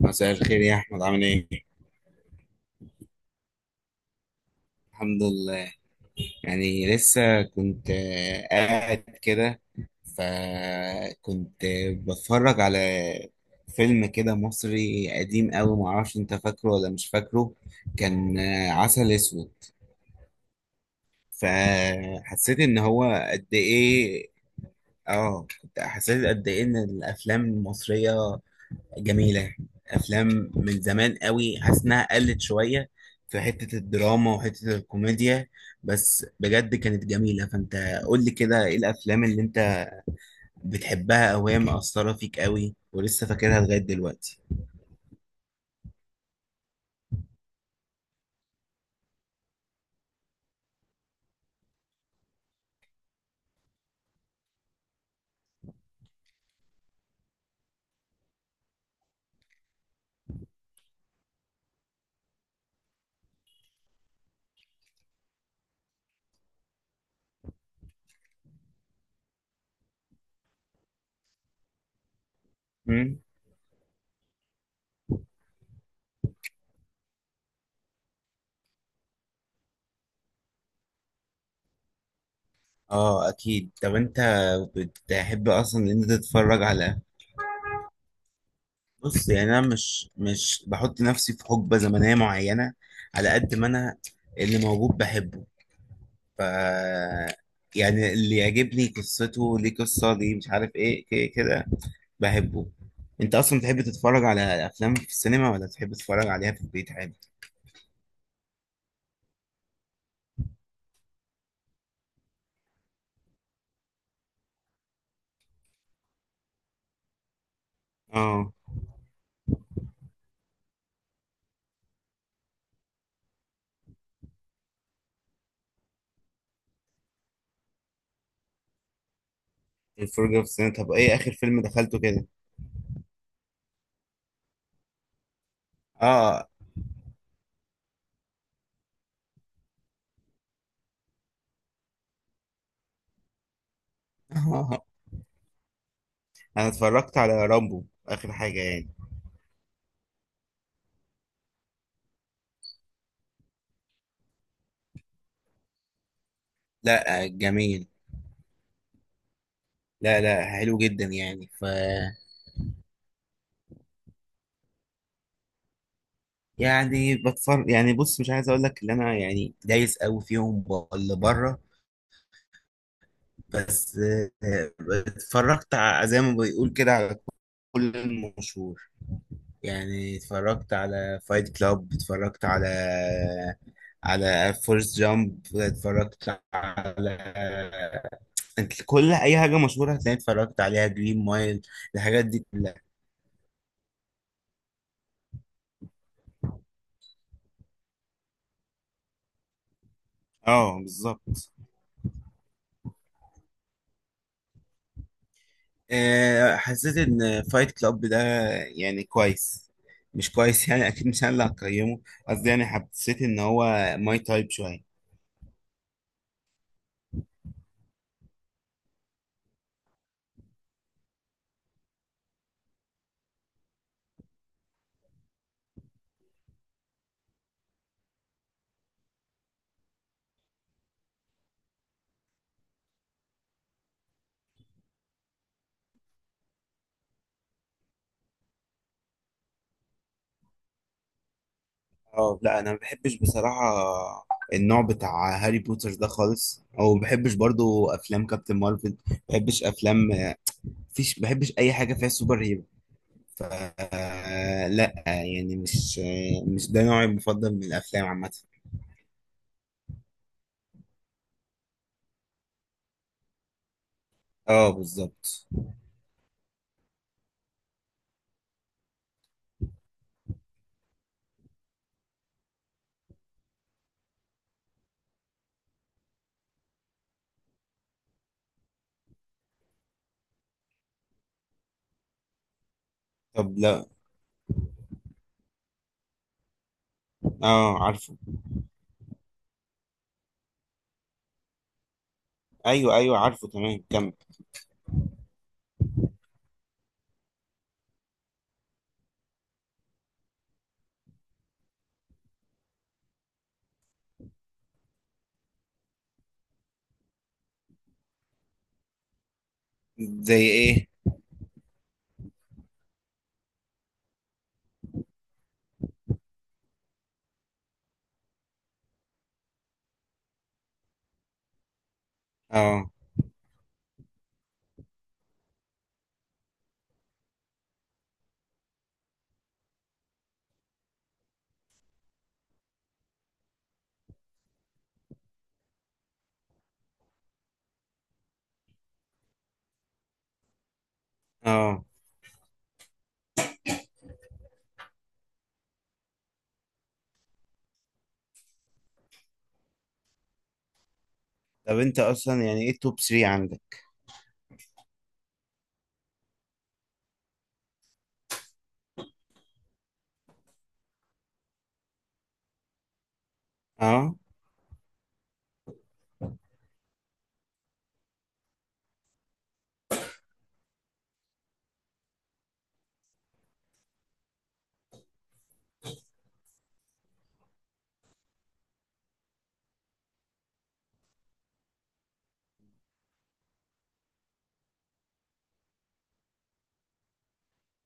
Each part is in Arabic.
مساء الخير يا احمد، عامل ايه؟ الحمد لله. يعني لسه كنت قاعد كده، فكنت بتفرج على فيلم كده مصري قديم قوي، معرفش انت فاكره ولا مش فاكره. كان عسل اسود. فحسيت ان هو قد ايه، اه كنت حسيت قد ايه ان الافلام المصرية جميلة. أفلام من زمان قوي حاسس إنها قلت شوية في حتة الدراما وحتة الكوميديا، بس بجد كانت جميلة. فأنت قول لي كده، إيه الأفلام اللي أنت بتحبها أو هي مأثرة فيك قوي ولسه فاكرها لغاية دلوقتي؟ مم؟ آه أكيد. طب أنت بتحب أصلا إن أنت تتفرج على... بص، يعني أنا مش بحط نفسي في حقبة زمنية معينة، على قد ما أنا اللي موجود بحبه. ف يعني اللي يعجبني قصته ليه، قصة ليه، مش عارف ايه، كده كده بحبه. انت اصلا بتحب تتفرج على افلام في السينما، ولا تحب تتفرج عليها في البيت عادي؟ اه. الفرجة في السينما؟ طب ايه اخر فيلم دخلته كده؟ اه. انا اتفرجت على رامبو اخر حاجة يعني. لا، جميل. لا لا، حلو جدا يعني. يعني بتفرج، يعني بص، مش عايز اقول لك ان انا يعني دايس قوي فيهم ولا بره، بس آه، اتفرجت زي ما بيقول كده على كل المشهور. يعني اتفرجت على فايت كلاب، اتفرجت على فورست جامب، اتفرجت على... انت كل اي حاجه مشهوره هتلاقي اتفرجت عليها، جرين مايل، الحاجات دي كلها. اه بالظبط. حسيت ان فايت كلاب ده يعني كويس، مش كويس يعني، اكيد مش انا اللي هقيمه، قصدي يعني حسيت ان هو ماي تايب شويه. اه لا، انا ما بحبش بصراحه النوع بتاع هاري بوتر ده خالص، او ما بحبش برضو افلام كابتن مارفل، ما بحبش افلام... مفيش، ما بحبش اي حاجه فيها سوبر هيرو. ف لا يعني مش، ده نوعي المفضل من الافلام عامه. اه بالظبط. طب لا، اه عارفه، ايوه ايوه عارفه تمام، كمل. زي ايه؟ اه اه. طب انت اصلا يعني ايه التوب 3 عندك؟ اه.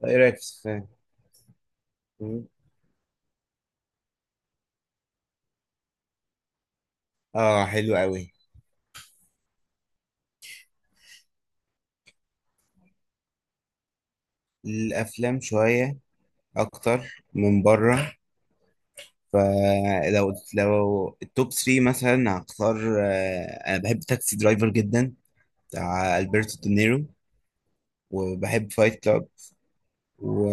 ايه رايك في السفاح؟ اه حلو قوي. الافلام شويه اكتر من بره، فلو التوب 3 مثلا هختار، انا بحب تاكسي درايفر جدا بتاع البرتو دينيرو، وبحب فايت كلاب، و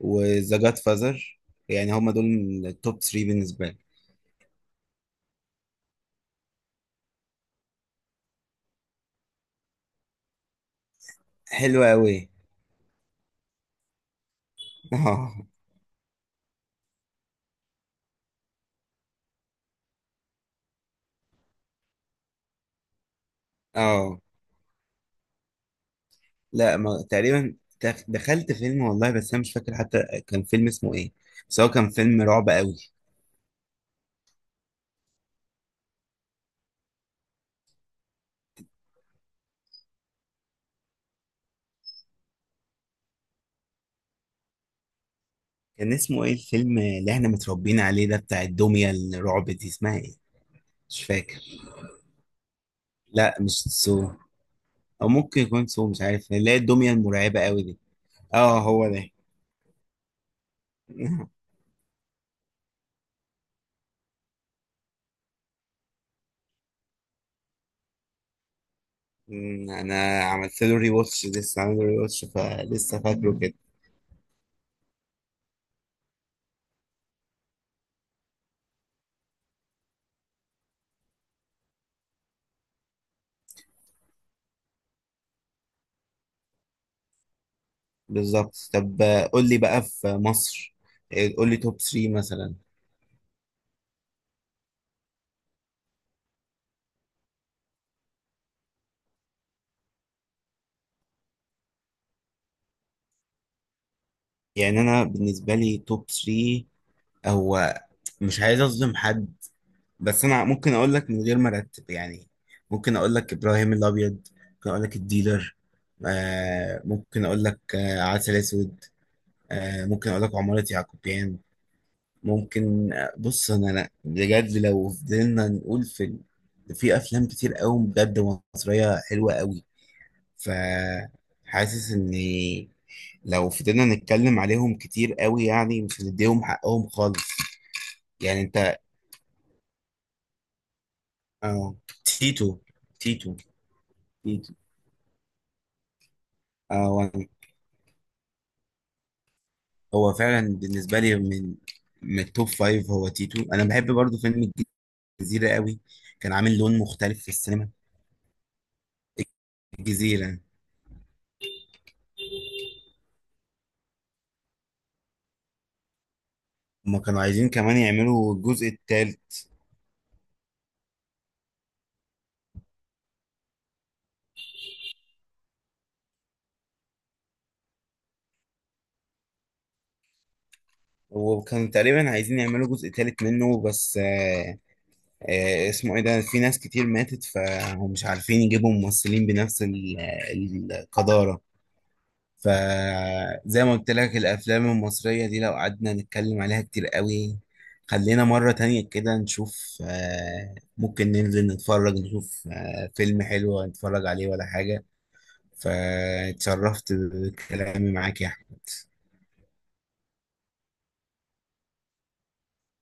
وذا جاد فازر. يعني هما دول التوب 3 بالنسبه لي. حلو قوي. اه اه لا، ما... تقريبا. دخلت فيلم والله، بس انا مش فاكر حتى كان فيلم اسمه ايه، بس هو كان فيلم رعب قوي. كان اسمه ايه الفيلم اللي احنا متربيين عليه ده بتاع الدمية الرعب دي؟ اسمها ايه؟ مش فاكر. لا مش سو، او ممكن يكون سو، مش عارف، اللي هي الدميه المرعبه قوي دي. اه هو ده. انا عملت له ري واتش، لسه عامل له ري واتش، فلسه فاكره كده. بالظبط. طب قول لي بقى في مصر، قول لي توب 3 مثلا. يعني انا بالنسبه لي توب 3 هو... مش عايز اظلم حد، بس انا ممكن اقول لك من غير ما ارتب يعني. ممكن اقول لك ابراهيم الابيض، ممكن اقول لك الديلر، آه ممكن اقول لك عسل اسود، ممكن اقول لك عمارة يعقوبيان. ممكن بص، انا بجد لو فضلنا نقول في في افلام كتير قوي بجد مصرية حلوة قوي. ف حاسس ان... لو فضلنا نتكلم عليهم كتير قوي يعني مش هنديهم حقهم خالص. يعني انت. اه. تيتو تيتو تيتو. اه. هو فعلا بالنسبة لي من التوب فايف هو تيتو. انا بحب برضو فيلم الجزيرة قوي، كان عامل لون مختلف في السينما. الجزيرة. هما كانوا عايزين كمان يعملوا الجزء التالت، وكانوا تقريبا عايزين يعملوا جزء تالت منه، بس اسمه ايه ده، في ناس كتير ماتت فهم مش عارفين يجيبوا ممثلين بنفس القدارة. فزي ما قلت لك الأفلام المصرية دي لو قعدنا نتكلم عليها كتير قوي. خلينا مرة تانية كده نشوف، ممكن ننزل نتفرج نشوف فيلم حلو نتفرج عليه ولا حاجة. فاتشرفت بكلامي معاك يا أحمد.